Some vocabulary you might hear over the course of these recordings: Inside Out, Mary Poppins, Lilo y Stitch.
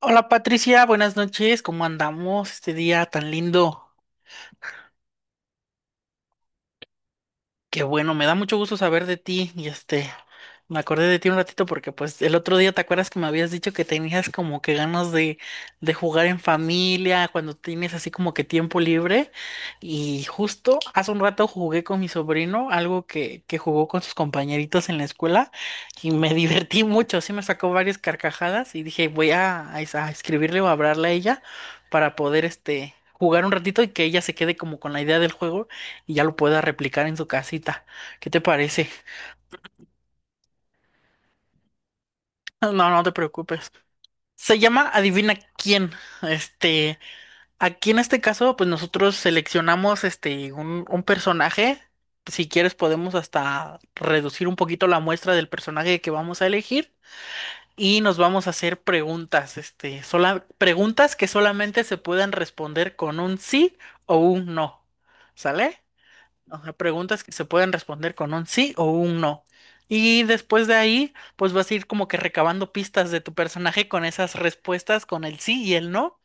Hola Patricia, buenas noches, ¿cómo andamos este día tan lindo? Qué bueno, me da mucho gusto saber de ti me acordé de ti un ratito porque pues el otro día te acuerdas que me habías dicho que tenías como que ganas de jugar en familia, cuando tienes así como que tiempo libre y justo hace un rato jugué con mi sobrino, algo que jugó con sus compañeritos en la escuela y me divertí mucho, sí me sacó varias carcajadas y dije voy a es- a escribirle o a hablarle a ella para poder jugar un ratito y que ella se quede como con la idea del juego y ya lo pueda replicar en su casita. ¿Qué te parece? No, no te preocupes. Se llama Adivina quién. Este, aquí en este caso, pues nosotros seleccionamos un personaje. Si quieres, podemos hasta reducir un poquito la muestra del personaje que vamos a elegir y nos vamos a hacer preguntas, sola, preguntas que solamente se puedan responder con un sí o un no. ¿Sale? O sea, preguntas que se pueden responder con un sí o un no. Y después de ahí, pues vas a ir como que recabando pistas de tu personaje con esas respuestas, con el sí y el no.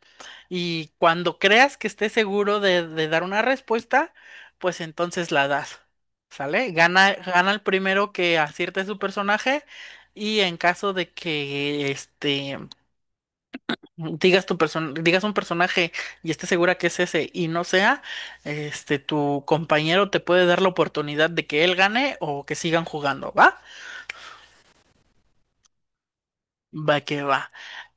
Y cuando creas que estés seguro de dar una respuesta, pues entonces la das. ¿Sale? Gana el primero que acierte su personaje. Y en caso de que digas un personaje y estés segura que es ese y no sea, tu compañero te puede dar la oportunidad de que él gane o que sigan jugando, ¿va? Va que va.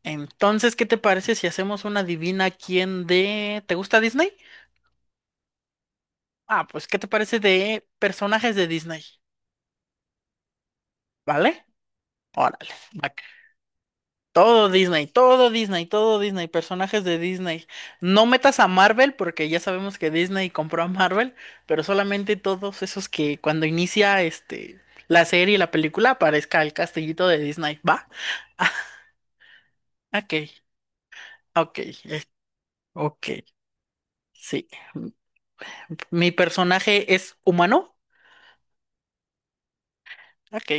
Entonces, ¿qué te parece si hacemos una divina quién de... ¿Te gusta Disney? Ah, pues, ¿qué te parece de personajes de Disney? ¿Vale? Órale. Va. Todo Disney, todo Disney, todo Disney, personajes de Disney. No metas a Marvel porque ya sabemos que Disney compró a Marvel, pero solamente todos esos que cuando inicia la serie, la película, aparezca el castellito de Disney, ¿va? Ok, ok, eh, ok, sí. ¿Mi personaje es humano? Ok.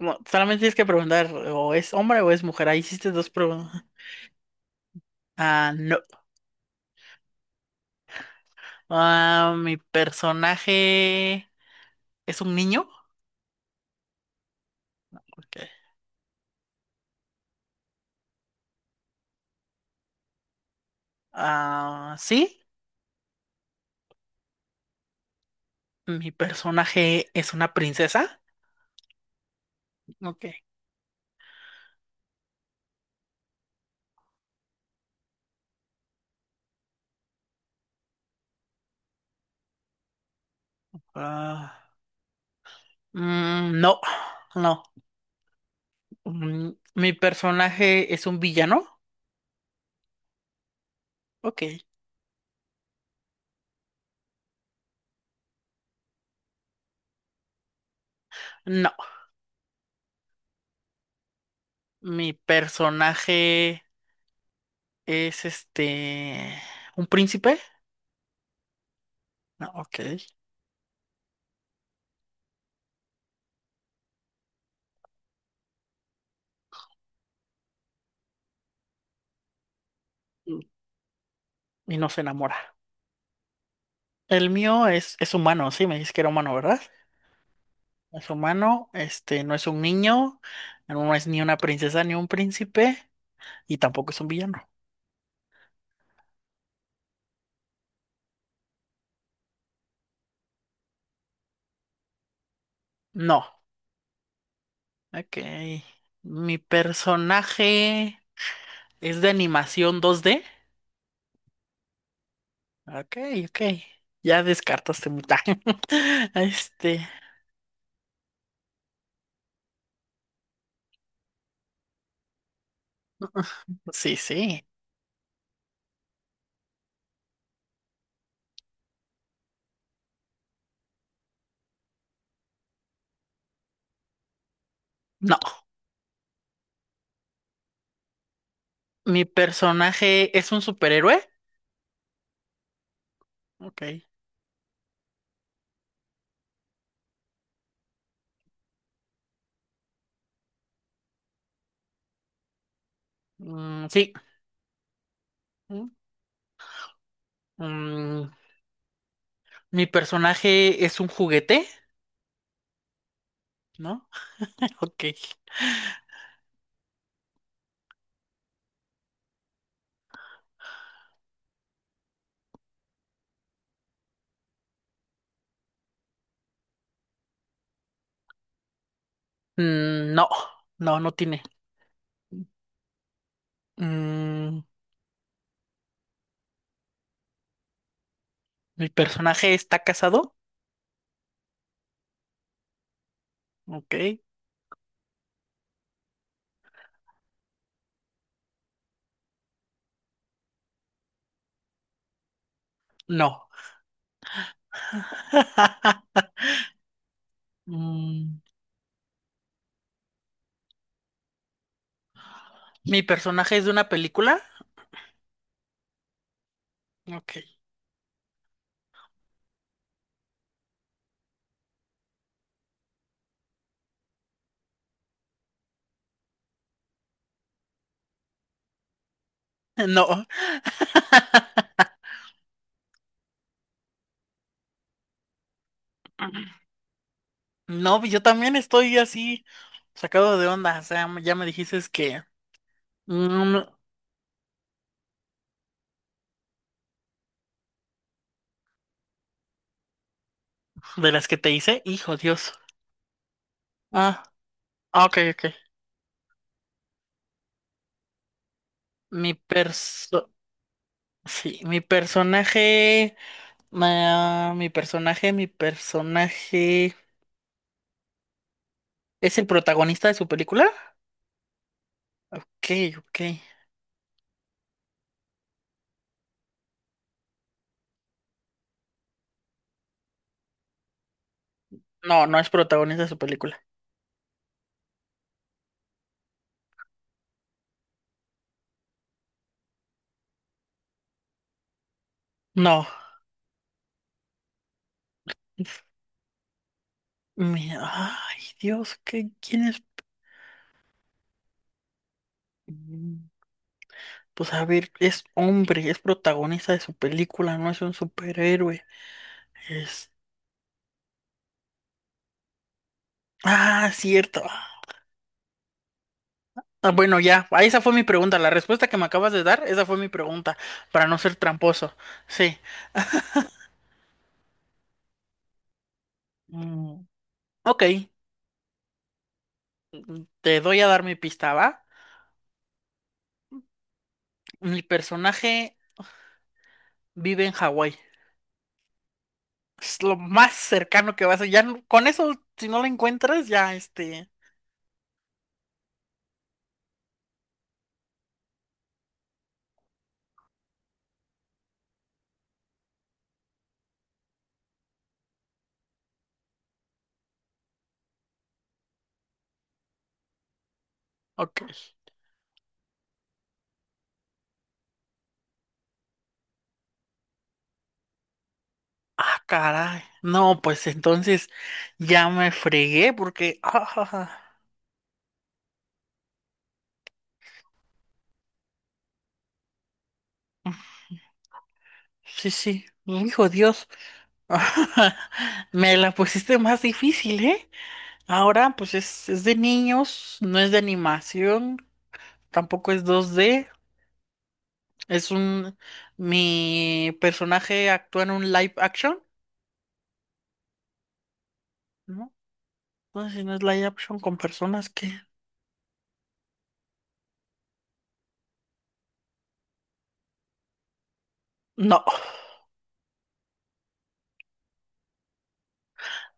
No, solamente tienes que preguntar, ¿o es hombre o es mujer? Ahí hiciste 2 preguntas. Ah, no. Ah, ¿mi personaje es un niño? Ok. Ah, sí, mi personaje es una princesa. Ok. Ah, no, no. Mm, mi personaje es un villano. Ok. No, mi personaje es un príncipe. No, ok. Mm, y no se enamora. El mío es humano, sí, me dices que era humano, ¿verdad? Es humano, no es un niño, no es ni una princesa ni un príncipe, y tampoco es un villano. No. Ok. Mi personaje es de animación 2D Ok, ok. Ya descartaste mucha. Este, sí, sí. No. Mi personaje es un superhéroe. Ok. Mm, sí. Mm, mm, mi personaje es un juguete, ¿no? Ok. No, no, no tiene. Mm, mi personaje está casado. Ok. No. Mm, ¿mi personaje es de una película? Ok. No. No, yo también estoy así sacado de onda. O sea, ya me dijiste es que mm, de las que te hice, hijo Dios. Ah, ok, ok. Mi perso, sí, mi personaje, ah, mi personaje es el protagonista de su película. Ok, ok. No, no es protagonista de su película. No. Me- Ay, Dios, ¿qué, quién es? Mm, pues a ver, es hombre, es protagonista de su película, no es un superhéroe. Es... Ah, cierto. Bueno, ya, esa fue mi pregunta. La respuesta que me acabas de dar, esa fue mi pregunta, para no ser tramposo. Sí. Mm, ok, te doy a dar mi pista, ¿va? Mi personaje vive en Hawái. Es lo más cercano que vas a... Ya, no- con eso, si no lo encuentras, ya, este... Ok. Ah, caray. No, pues entonces ya me fregué porque... ah. Sí, sí. Hijo Dios. Me la pusiste más difícil, ¿eh? Ahora, pues es de niños, no es de animación, tampoco es 2D Es un... Mi personaje actúa en un live action, ¿no? No si no es live action con personas que... No.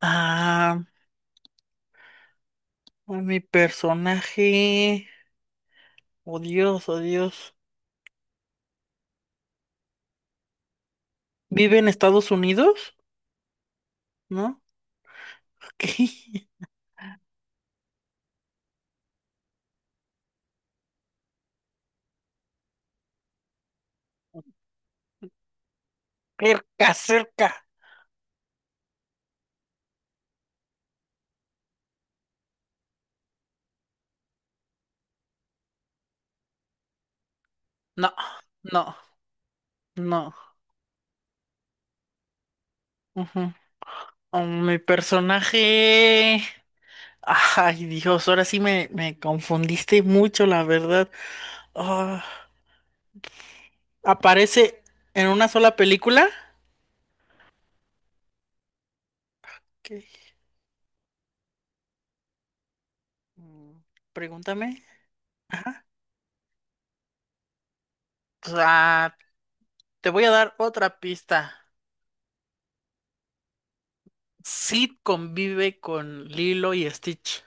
Ah, mi personaje... Oh Dios, oh Dios. Vive en Estados Unidos, ¿no? Ok. Cerca, cerca. No, no, no. Ujú. Oh, mi personaje. Ay, Dios, ahora sí me confundiste mucho, la verdad. Ah, ¿aparece en una sola película? Ok. Mm, pregúntame. Ajá. Pues, ah, te voy a dar otra pista. Sid convive con Lilo y Stitch.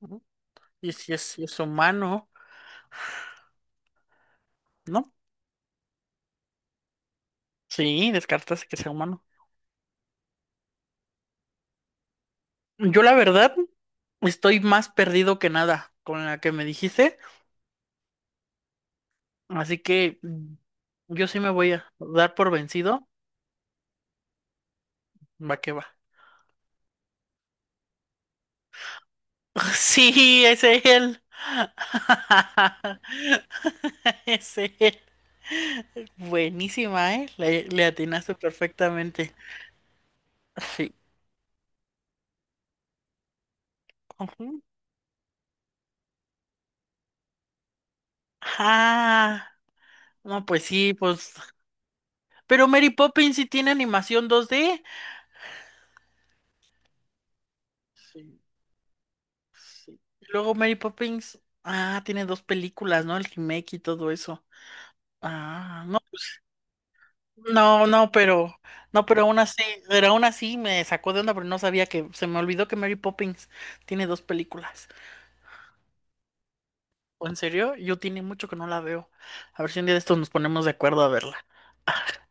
Ujú. Y si es, si es humano, ¿no? Sí, descartas que sea humano. Yo la verdad estoy más perdido que nada con la que me dijiste, así que mm, yo sí me voy a dar por vencido. Va que va. Sí, es él. Es él. Buenísima, ¿eh? Le atinaste perfectamente. Sí. Ujú. Ah, no, pues sí, pues. Pero Mary Poppins sí tiene animación 2D. Sí. Sí. Y luego Mary Poppins, ah, tiene 2 películas, ¿no? El remake y todo eso. Ah, no, pues, no, no, pero, no, pero aún así me sacó de onda, pero no sabía que, se me olvidó que Mary Poppins tiene 2 películas. ¿O en serio? Yo tiene mucho que no la veo. A ver si un día de estos nos ponemos de acuerdo a verla.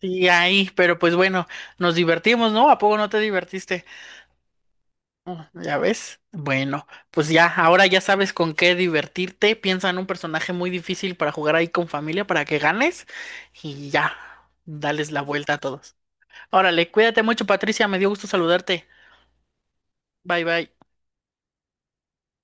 Sí, ahí, pero pues bueno, nos divertimos, ¿no? ¿A poco no te divertiste? Oh, ¿ya ves? Bueno, pues ya, ahora ya sabes con qué divertirte. Piensa en un personaje muy difícil para jugar ahí con familia para que ganes y ya, dales la vuelta a todos. Órale, cuídate mucho, Patricia, me dio gusto saludarte. Bye bye.